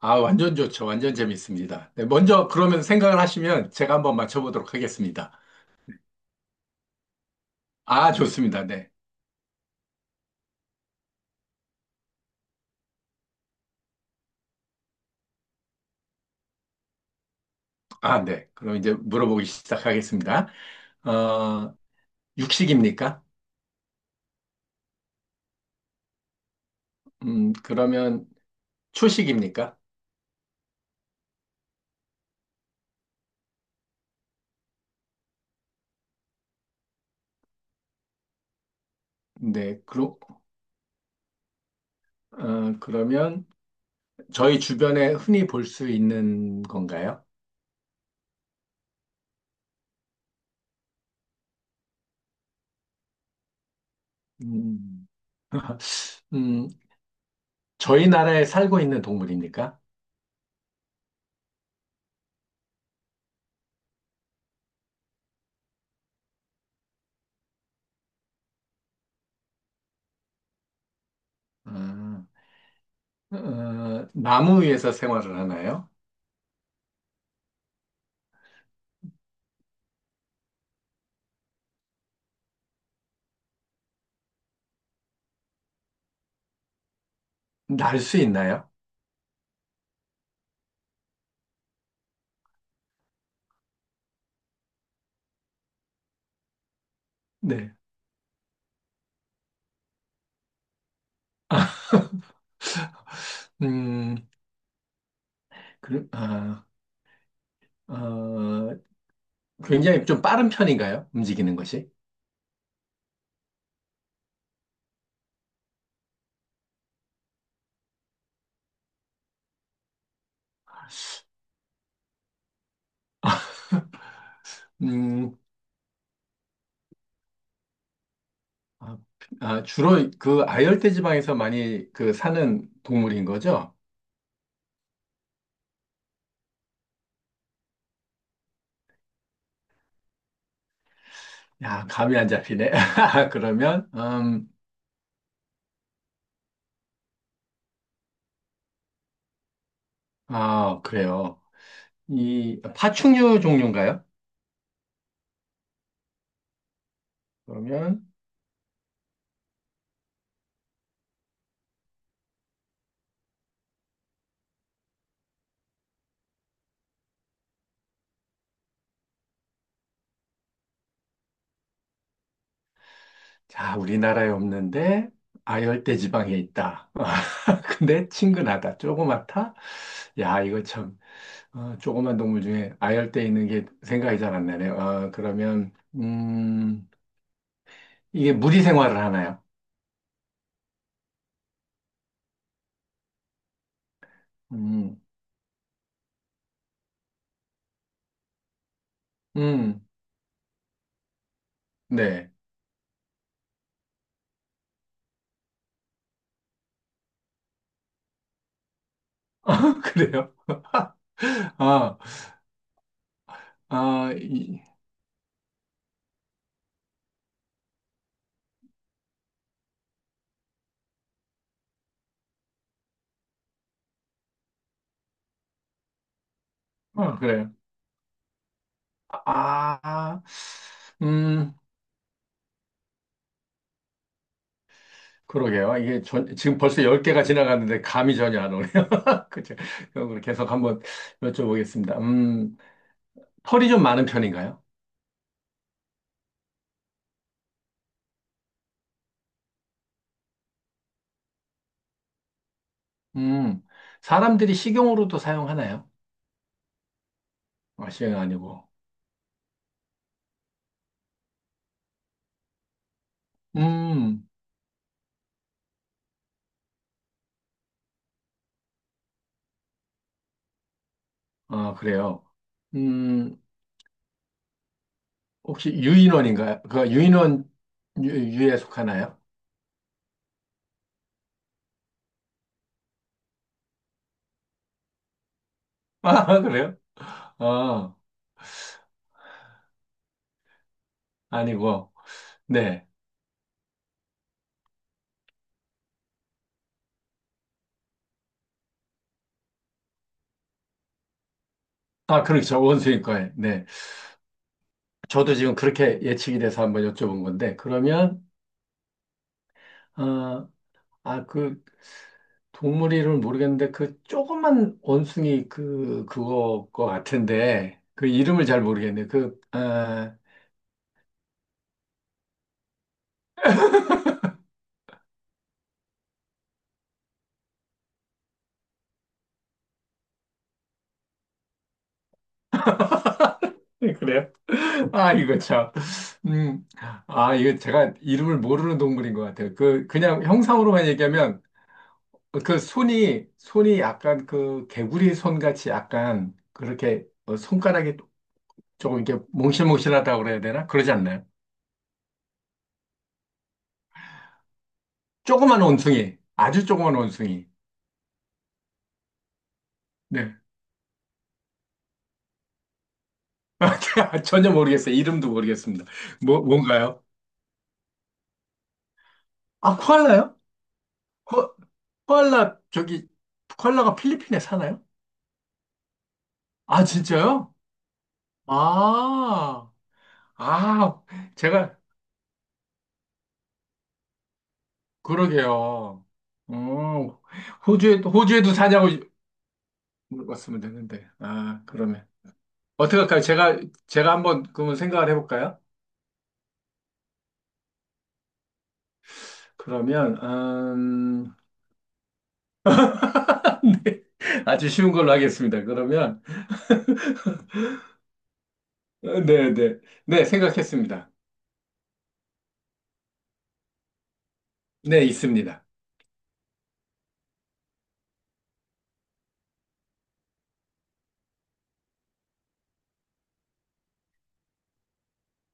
아, 완전 좋죠. 완전 재밌습니다. 네, 먼저 그러면 생각을 하시면 제가 한번 맞춰보도록 하겠습니다. 아, 좋습니다. 네. 아, 네. 그럼 이제 물어보기 시작하겠습니다. 어, 육식입니까? 그러면 초식입니까? 네. 그러면 저희 주변에 흔히 볼 수 있는 건가요? 음, 음, 저희 나라에 살고 있는 동물입니까? 아, 어, 나무 위에서 생활을 하나요? 날 수 있나요? 네. 음, 그, 아, 어, 굉장히 좀 빠른 편인가요? 움직이는 것이? 음, 아, 주로 그 아열대 지방에서 많이 그 사는 동물인 거죠? 야, 감이 안 잡히네. 그러면, 아, 그래요. 이 파충류 종류인가요? 그러면, 자, 우리나라에 없는데 아열대 지방에 있다. 근데 친근하다. 조그맣다. 야, 이거 참. 아, 조그만 동물 중에 아열대 있는 게 생각이 잘 안 나네요. 아, 그러면, 이게 무리 생활을 하나요? 음, 음, 네. 그래요? 아, 아, 이, 아, 그래요. 아, 아, 음, 그러게요. 지금 벌써 10개가 지나갔는데 감이 전혀 안 오네요. 그죠? 그럼 계속 한번 여쭤보겠습니다. 털이 좀 많은 편인가요? 음, 사람들이 식용으로도 사용하나요? 아, 식용 아니고. 음. 아, 그래요. 음, 혹시 유인원인가요? 그 유인원 유에 속하나요? 아, 그래요? 아, 아니고. 네. 아, 그렇죠. 원수인과에. 네. 저도 지금 그렇게 예측이 돼서 한번 여쭤본 건데, 그러면, 아, 그 동물 이름을 모르겠는데, 그 조그만 원숭이 그, 그거 것 같은데, 그 이름을 잘 모르겠네요. 그래요? 아, 이거 참. 음, 아, 이거 제가 이름을 모르는 동물인 것 같아요. 그, 그냥 형상으로만 얘기하면, 그 손이 약간 그 개구리 손같이 약간 그렇게 어, 손가락이 조금 이렇게 몽실몽실하다고 그래야 되나? 그러지 않나요? 조그만 원숭이, 아주 조그만 원숭이. 네. 전혀 모르겠어요. 이름도 모르겠습니다. 뭔가요? 아, 코알라요? 코, 코알라, 저기, 코알라가 필리핀에 사나요? 아, 진짜요? 아, 아, 제가 그러게요. 어, 호주에도 사냐고 물어봤으면 되는데. 아, 그러면. 어떡할까요? 제가 한번 그러면 생각을 해볼까요? 그러면, 아주 쉬운 걸로 하겠습니다. 그러면, 어, 네, 네. 네, 생각했습니다. 네, 있습니다.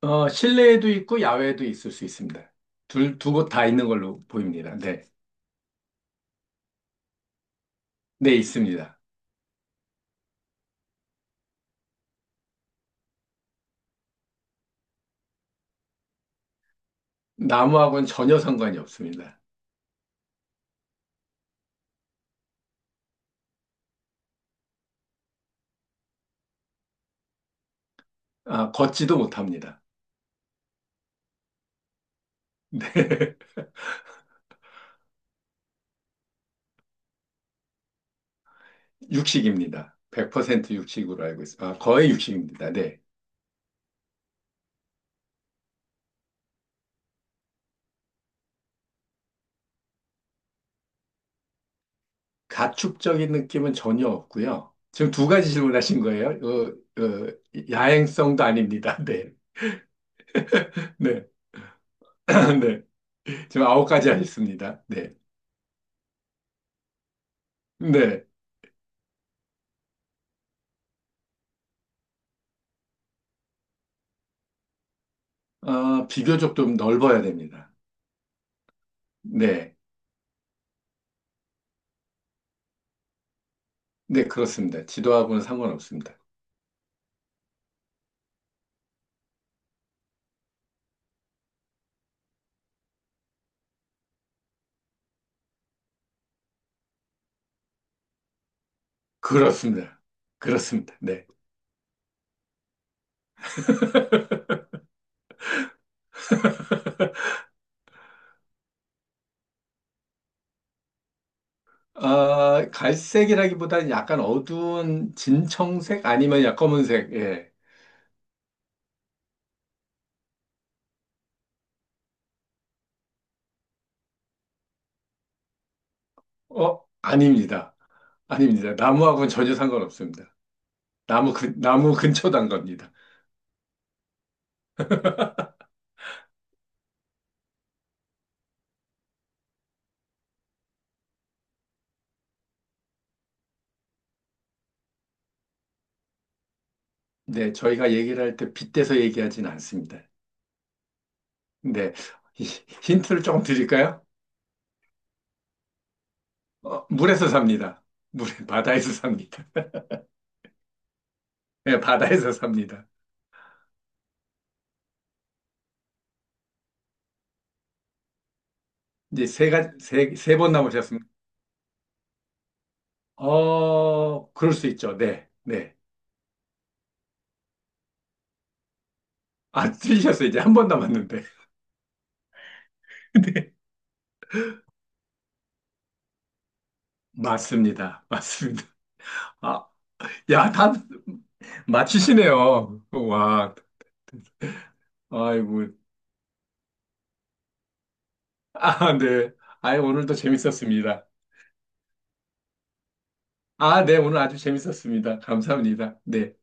어, 실내에도 있고, 야외에도 있을 수 있습니다. 두 곳 다 있는 걸로 보입니다. 네. 네, 있습니다. 나무하고는 전혀 상관이 없습니다. 아, 걷지도 못합니다. 육식입니다. 100% 육식으로 알고 있습니다. 아, 거의 육식입니다. 네. 가축적인 느낌은 전혀 없고요. 지금 두 가지 질문하신 거예요. 야행성도 아닙니다. 네. 네. 네. 지금 아홉 가지 하셨습니다. 네. 네. 아, 비교적 좀 넓어야 됩니다. 네. 네, 그렇습니다. 지도하고는 상관없습니다. 그렇습니다. 그렇습니다. 네. 아, 갈색이라기보다는 약간 어두운 진청색 아니면 약 검은색. 예. 어, 아닙니다. 아닙니다. 나무하고는 전혀 상관없습니다. 나무 근처 단 겁니다. 네, 저희가 얘기를 할 때 빗대서 얘기하진 않습니다. 근데 힌트를 조금 드릴까요? 어, 물에서 삽니다. 물 바다에서 삽니다. 네, 바다에서 삽니다. 이제 세 번 남으셨습니다. 어, 그럴 수 있죠. 네, 네. 아, 틀리셨어요. 이제 한 번 남았는데. 맞습니다. 맞습니다. 아, 야, 다 맞히시네요. 와, 아이고. 아, 네. 아, 오늘도 재밌었습니다. 아, 네. 오늘 아주 재밌었습니다. 감사합니다. 네.